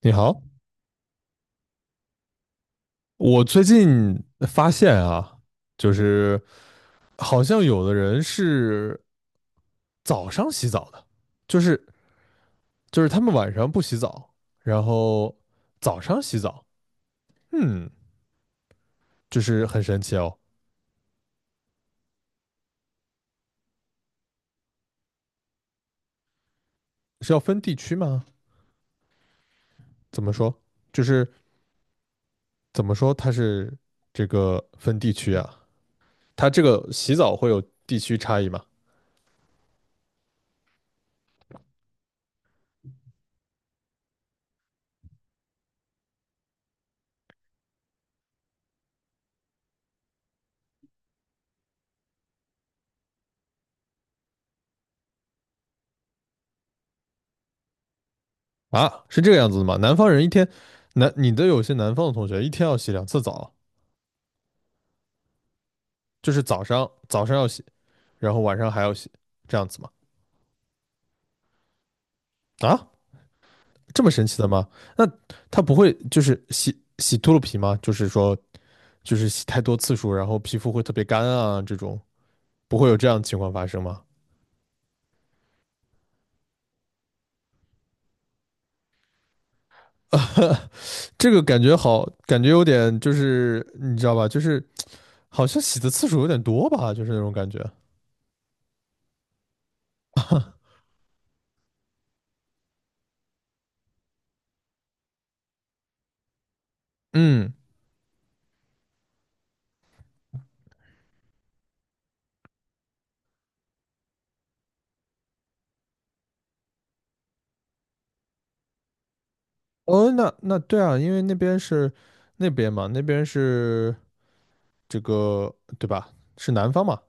你好，我最近发现啊，就是好像有的人是早上洗澡的，就是就是他们晚上不洗澡，然后早上洗澡，嗯，就是很神奇哦。是要分地区吗？怎么说？就是怎么说它是这个分地区啊？它这个洗澡会有地区差异吗？啊，是这个样子的吗？南方人一天，南你的有些南方的同学一天要洗两次澡。就是早上要洗，然后晚上还要洗，这样子吗？啊，这么神奇的吗？那它不会就是洗洗秃噜皮吗？就是说就是洗太多次数，然后皮肤会特别干啊，这种不会有这样的情况发生吗？这个感觉好，感觉有点就是你知道吧，就是好像洗的次数有点多吧，就是那种感觉。嗯，哦，那对啊，因为那边是那边嘛，那边是这个对吧？是南方嘛，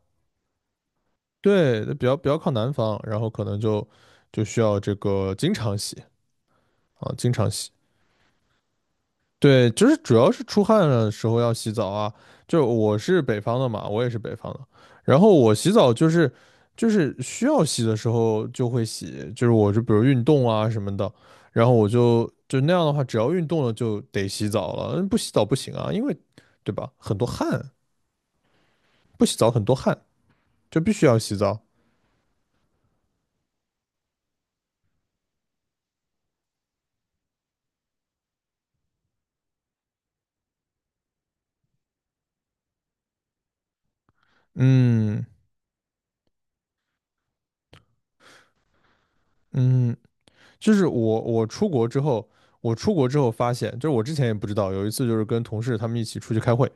对，比较靠南方，然后可能就需要这个经常洗啊，经常洗。对，就是主要是出汗的时候要洗澡啊。就我是北方的嘛，我也是北方的，然后我洗澡就是就是需要洗的时候就会洗，就是我就比如运动啊什么的，然后我就那样的话，只要运动了就得洗澡了，不洗澡不行啊，因为对吧，很多汗，不洗澡很多汗，就必须要洗澡。嗯嗯,就是我出国之后，我出国之后发现，就是我之前也不知道，有一次就是跟同事他们一起出去开会，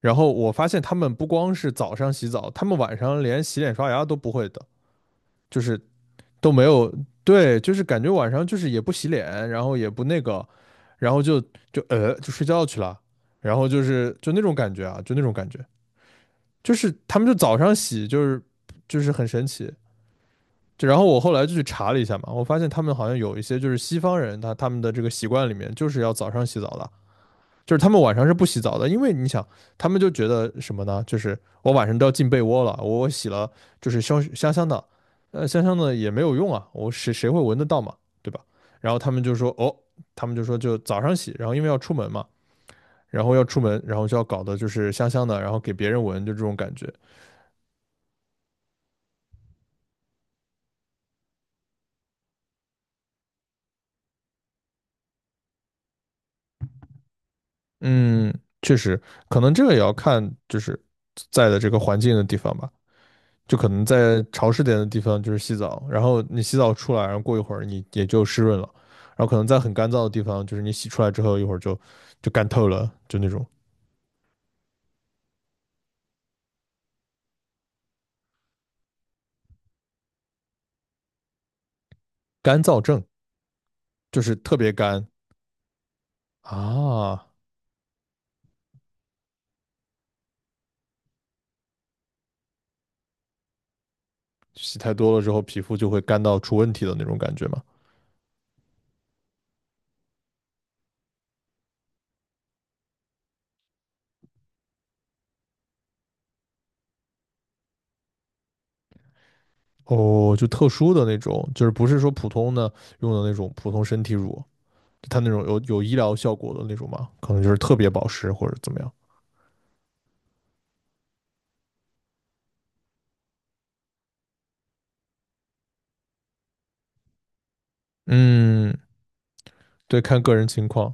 然后我发现他们不光是早上洗澡，他们晚上连洗脸刷牙都不会的，就是都没有，对，就是感觉晚上就是也不洗脸，然后也不那个，然后就睡觉去了，然后就是就那种感觉啊，就那种感觉，就是他们就早上洗，就是就是很神奇，就然后我后来就去查了一下嘛，我发现他们好像有一些就是西方人，他们的这个习惯里面就是要早上洗澡的，就是他们晚上是不洗澡的，因为你想，他们就觉得什么呢？就是我晚上都要进被窝了，我洗了就是香香的，香香的也没有用啊，谁会闻得到嘛，对吧？然后他们就说，哦，他们就说就早上洗，然后因为要出门嘛，然后要出门，然后就要搞的就是香香的，然后给别人闻，就这种感觉。嗯，确实，可能这个也要看就是在的这个环境的地方吧。就可能在潮湿点的地方就是洗澡，然后你洗澡出来，然后过一会儿你也就湿润了。然后可能在很干燥的地方，就是你洗出来之后一会儿就干透了，就那种干燥症，就是特别干啊，洗太多了之后皮肤就会干到出问题的那种感觉嘛。哦，就特殊的那种，就是不是说普通的用的那种普通身体乳，它那种有医疗效果的那种嘛，可能就是特别保湿或者怎么样。嗯，对，看个人情况。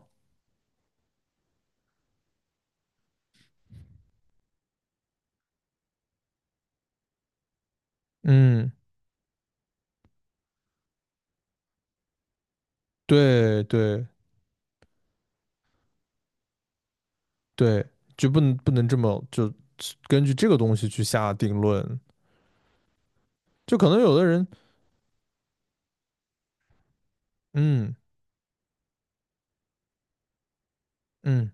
嗯，对对对，就不能这么就根据这个东西去下定论。就可能有的人，嗯嗯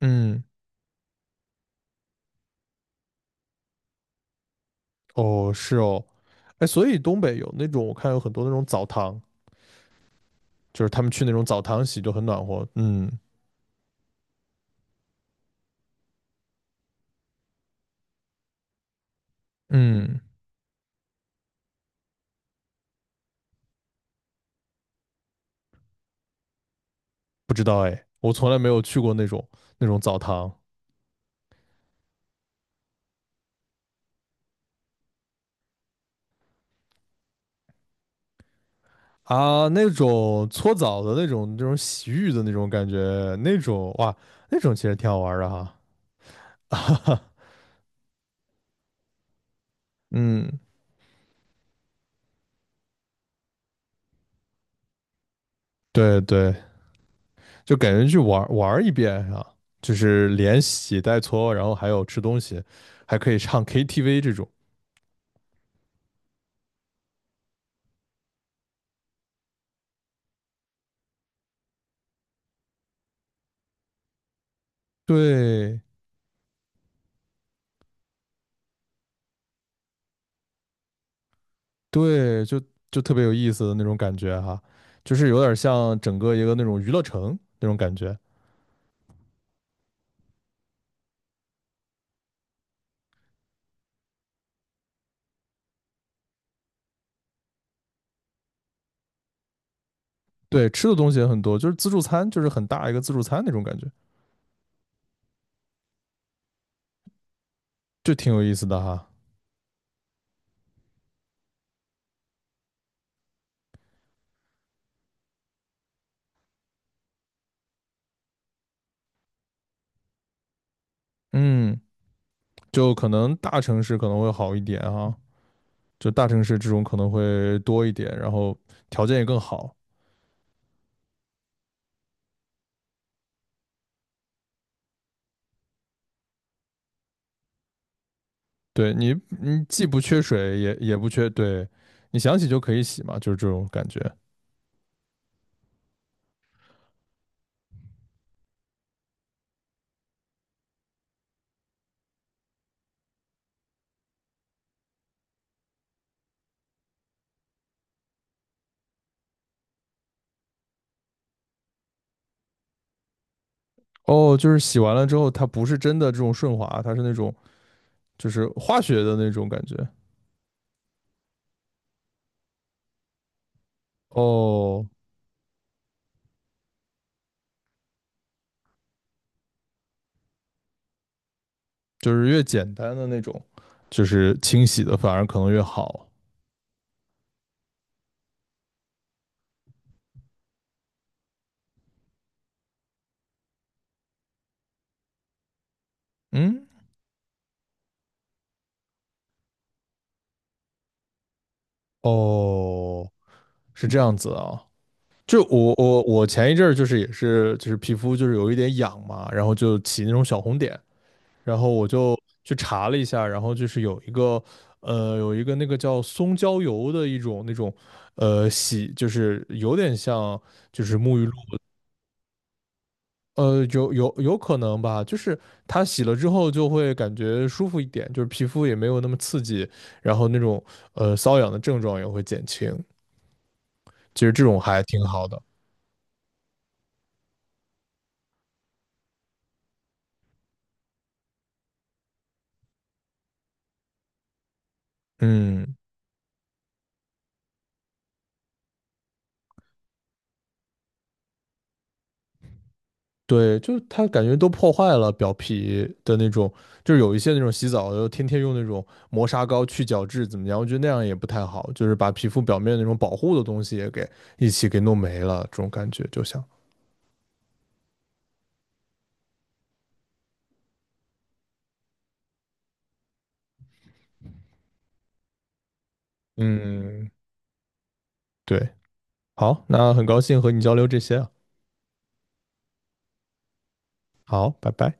嗯，哦是哦，哎，所以东北有那种我看有很多那种澡堂，就是他们去那种澡堂洗就很暖和。嗯嗯,不知道哎，我从来没有去过那种澡堂。啊，那种搓澡的那种、那种洗浴的那种感觉，那种哇，那种其实挺好玩儿的哈。嗯，对对，就感觉去玩玩儿一遍啊，就是连洗带搓，然后还有吃东西，还可以唱 KTV 这种。对对，就特别有意思的那种感觉哈，就是有点像整个一个那种娱乐城那种感觉。对，吃的东西也很多，就是自助餐，就是很大一个自助餐那种感觉，就挺有意思的哈。嗯。就可能大城市可能会好一点啊，就大城市这种可能会多一点，然后条件也更好。对你，你既不缺水，也不缺，对你想洗就可以洗嘛，就是这种感觉。哦，就是洗完了之后，它不是真的这种顺滑，它是那种就是化学的那种感觉。哦，就是越简单的那种，就是清洗的反而可能越好。嗯，哦，是这样子啊。就我前一阵儿就是也是就是皮肤就是有一点痒嘛，然后就起那种小红点，然后我就去查了一下，然后就是有一个那个叫松焦油的一种那种呃洗，就是有点像就是沐浴露，呃有可能吧，就是它洗了之后就会感觉舒服一点，就是皮肤也没有那么刺激，然后那种呃瘙痒的症状也会减轻，其实这种还挺好的，嗯。对，就是它感觉都破坏了表皮的那种，就是有一些那种洗澡的，天天用那种磨砂膏去角质怎么样？我觉得那样也不太好，就是把皮肤表面那种保护的东西也给一起给弄没了，这种感觉就像，嗯，对，好，那很高兴和你交流这些啊，好，拜拜。